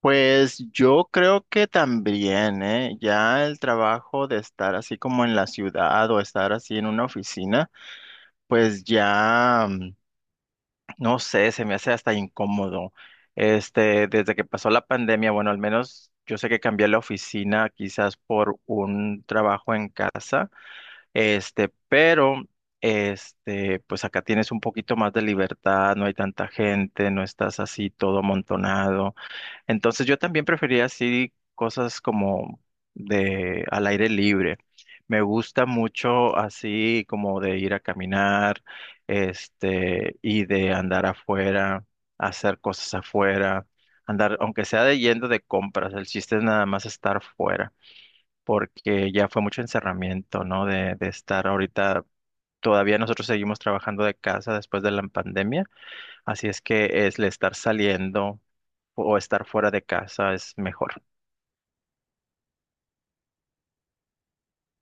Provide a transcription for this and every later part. Pues yo creo que también, ¿eh? Ya el trabajo de estar así como en la ciudad o estar así en una oficina, pues ya, no sé, se me hace hasta incómodo. Desde que pasó la pandemia, bueno, al menos yo sé que cambié la oficina quizás por un trabajo en casa, pero, pues acá tienes un poquito más de libertad, no hay tanta gente, no estás así todo amontonado. Entonces yo también prefería así cosas como de al aire libre. Me gusta mucho así como de ir a caminar, y de andar afuera, hacer cosas afuera, andar, aunque sea de yendo de compras, el chiste es nada más estar fuera, porque ya fue mucho encerramiento, ¿no? De estar ahorita, todavía nosotros seguimos trabajando de casa después de la pandemia, así es que es el estar saliendo o estar fuera de casa es mejor.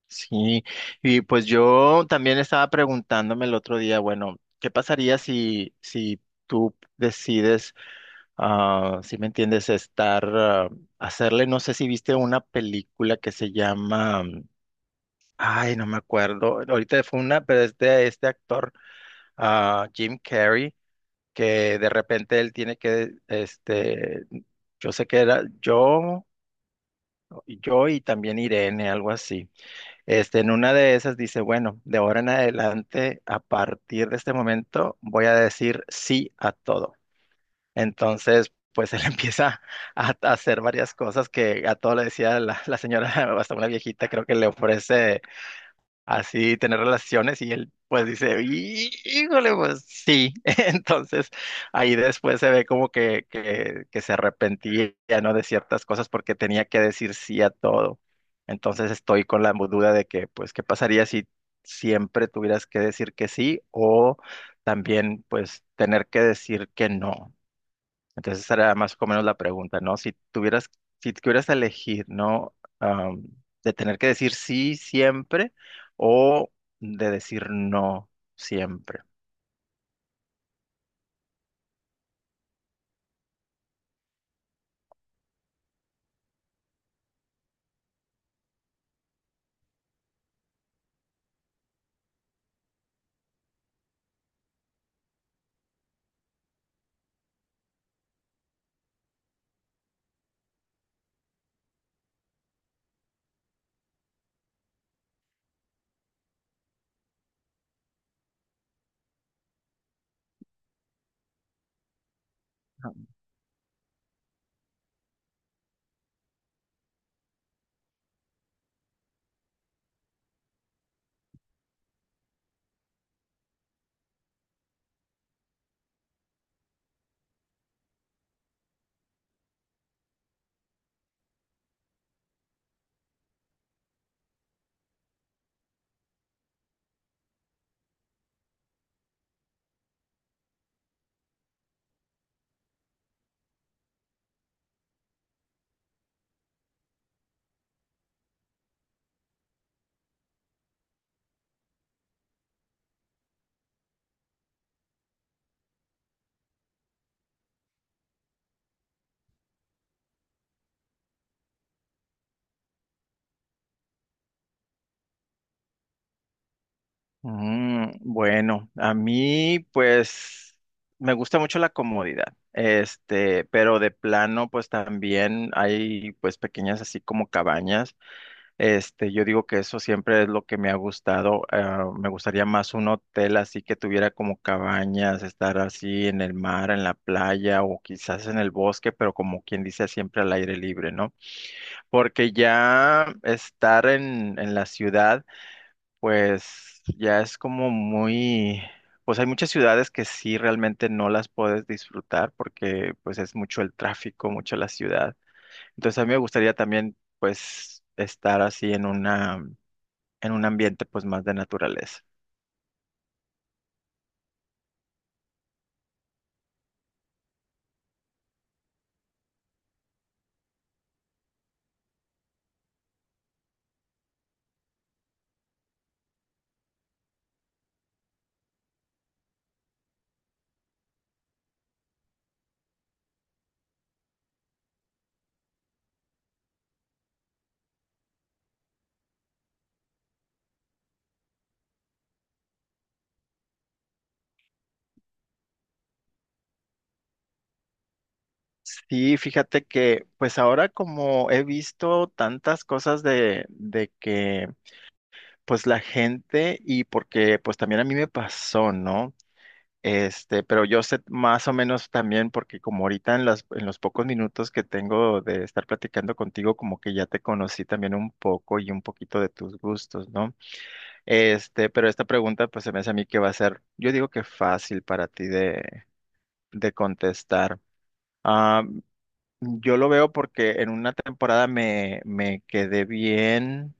Sí, y pues yo también estaba preguntándome el otro día, bueno, ¿qué pasaría si tú decides, si me entiendes, estar, hacerle, no sé si viste una película que se llama, ay, no me acuerdo, ahorita fue una, pero es de este actor, Jim Carrey, que de repente él tiene que, yo sé que era yo, yo y también Irene, algo así. En una de esas dice, bueno, de ahora en adelante, a partir de este momento, voy a decir sí a todo. Entonces, pues él empieza a hacer varias cosas que a todo le decía la señora, hasta una viejita, creo que le ofrece así tener relaciones y él pues dice, "Híjole, pues sí." Entonces ahí después se ve como que se arrepentía, ¿no? De ciertas cosas porque tenía que decir sí a todo. Entonces estoy con la duda de que, pues, ¿qué pasaría si siempre tuvieras que decir que sí o también, pues, tener que decir que no? Entonces esa era más o menos la pregunta, ¿no? Si tuvieras, si tuvieras que elegir, ¿no? De tener que decir sí siempre o de decir no siempre. Bueno, a mí pues me gusta mucho la comodidad, pero de plano pues también hay pues pequeñas así como cabañas. Yo digo que eso siempre es lo que me ha gustado. Me gustaría más un hotel así que tuviera como cabañas, estar así en el mar, en la playa o quizás en el bosque, pero como quien dice, siempre al aire libre, ¿no? Porque ya estar en la ciudad, pues ya es como muy. Pues hay muchas ciudades que sí realmente no las puedes disfrutar porque pues es mucho el tráfico, mucho la ciudad. Entonces a mí me gustaría también pues estar así en un ambiente pues más de naturaleza. Sí, fíjate que pues ahora como he visto tantas cosas de que pues la gente y porque pues también a mí me pasó, ¿no? Pero yo sé más o menos también porque como ahorita en los pocos minutos que tengo de estar platicando contigo, como que ya te conocí también un poco y un poquito de tus gustos, ¿no? Pero esta pregunta pues se me hace a mí que va a ser, yo digo que fácil para ti de contestar. Yo lo veo porque en una temporada me quedé bien,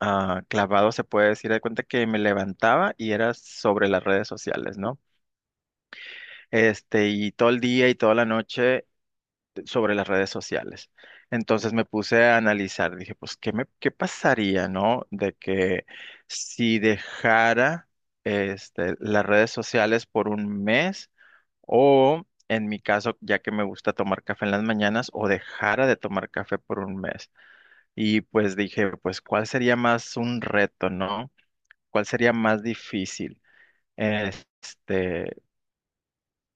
clavado, se puede decir, de cuenta que me levantaba y era sobre las redes sociales, ¿no? Y todo el día y toda la noche sobre las redes sociales. Entonces me puse a analizar, dije, pues, ¿qué pasaría? ¿No? De que si dejara las redes sociales por un mes o. En mi caso, ya que me gusta tomar café en las mañanas, o dejara de tomar café por un mes. Y pues dije, pues, ¿cuál sería más un reto, no? ¿Cuál sería más difícil? Este,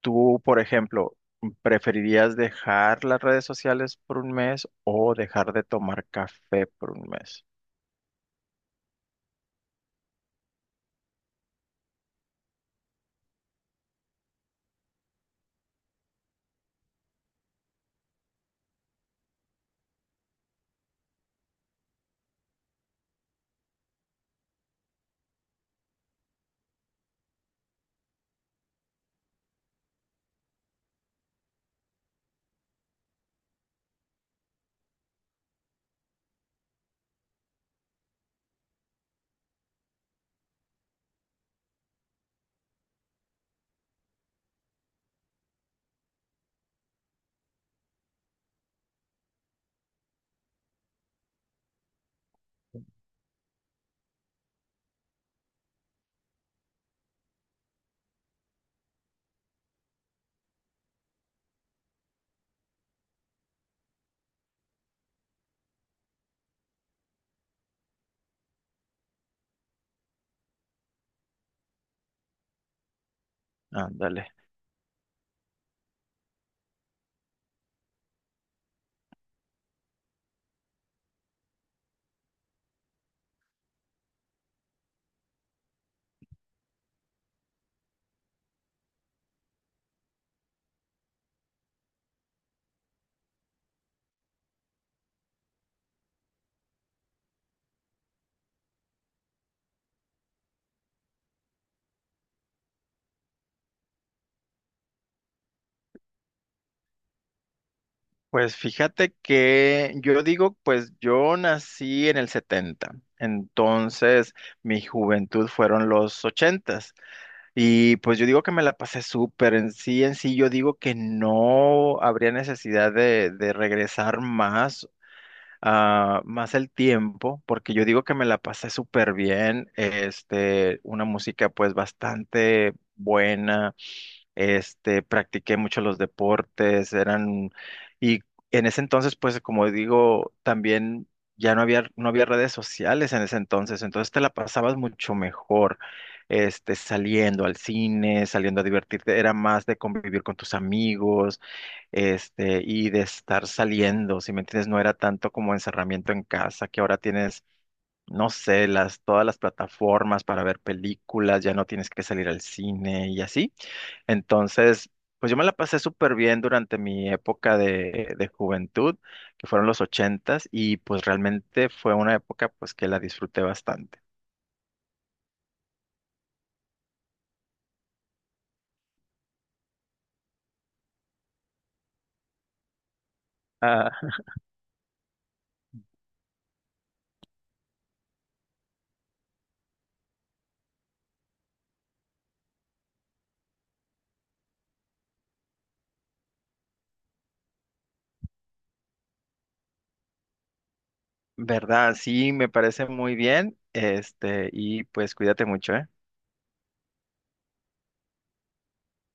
Tú, por ejemplo, ¿preferirías dejar las redes sociales por un mes o dejar de tomar café por un mes? Ándale. Pues fíjate que yo digo, pues yo nací en el 70, entonces mi juventud fueron los 80. Y pues yo digo que me la pasé súper. En sí, yo digo que no habría necesidad de regresar más, más el tiempo, porque yo digo que me la pasé súper bien. Una música pues bastante buena. Practiqué mucho los deportes, eran, y en ese entonces, pues como digo, también ya no había redes sociales en ese entonces, entonces te la pasabas mucho mejor, saliendo al cine, saliendo a divertirte, era más de convivir con tus amigos, y de estar saliendo, si me entiendes, no era tanto como encerramiento en casa, que ahora tienes, no sé, todas las plataformas para ver películas, ya no tienes que salir al cine y así. Entonces, pues yo me la pasé súper bien durante mi época de juventud, que fueron los ochentas, y pues realmente fue una época pues que la disfruté bastante. Ah, ¿verdad? Sí, me parece muy bien. Y pues cuídate mucho, ¿eh?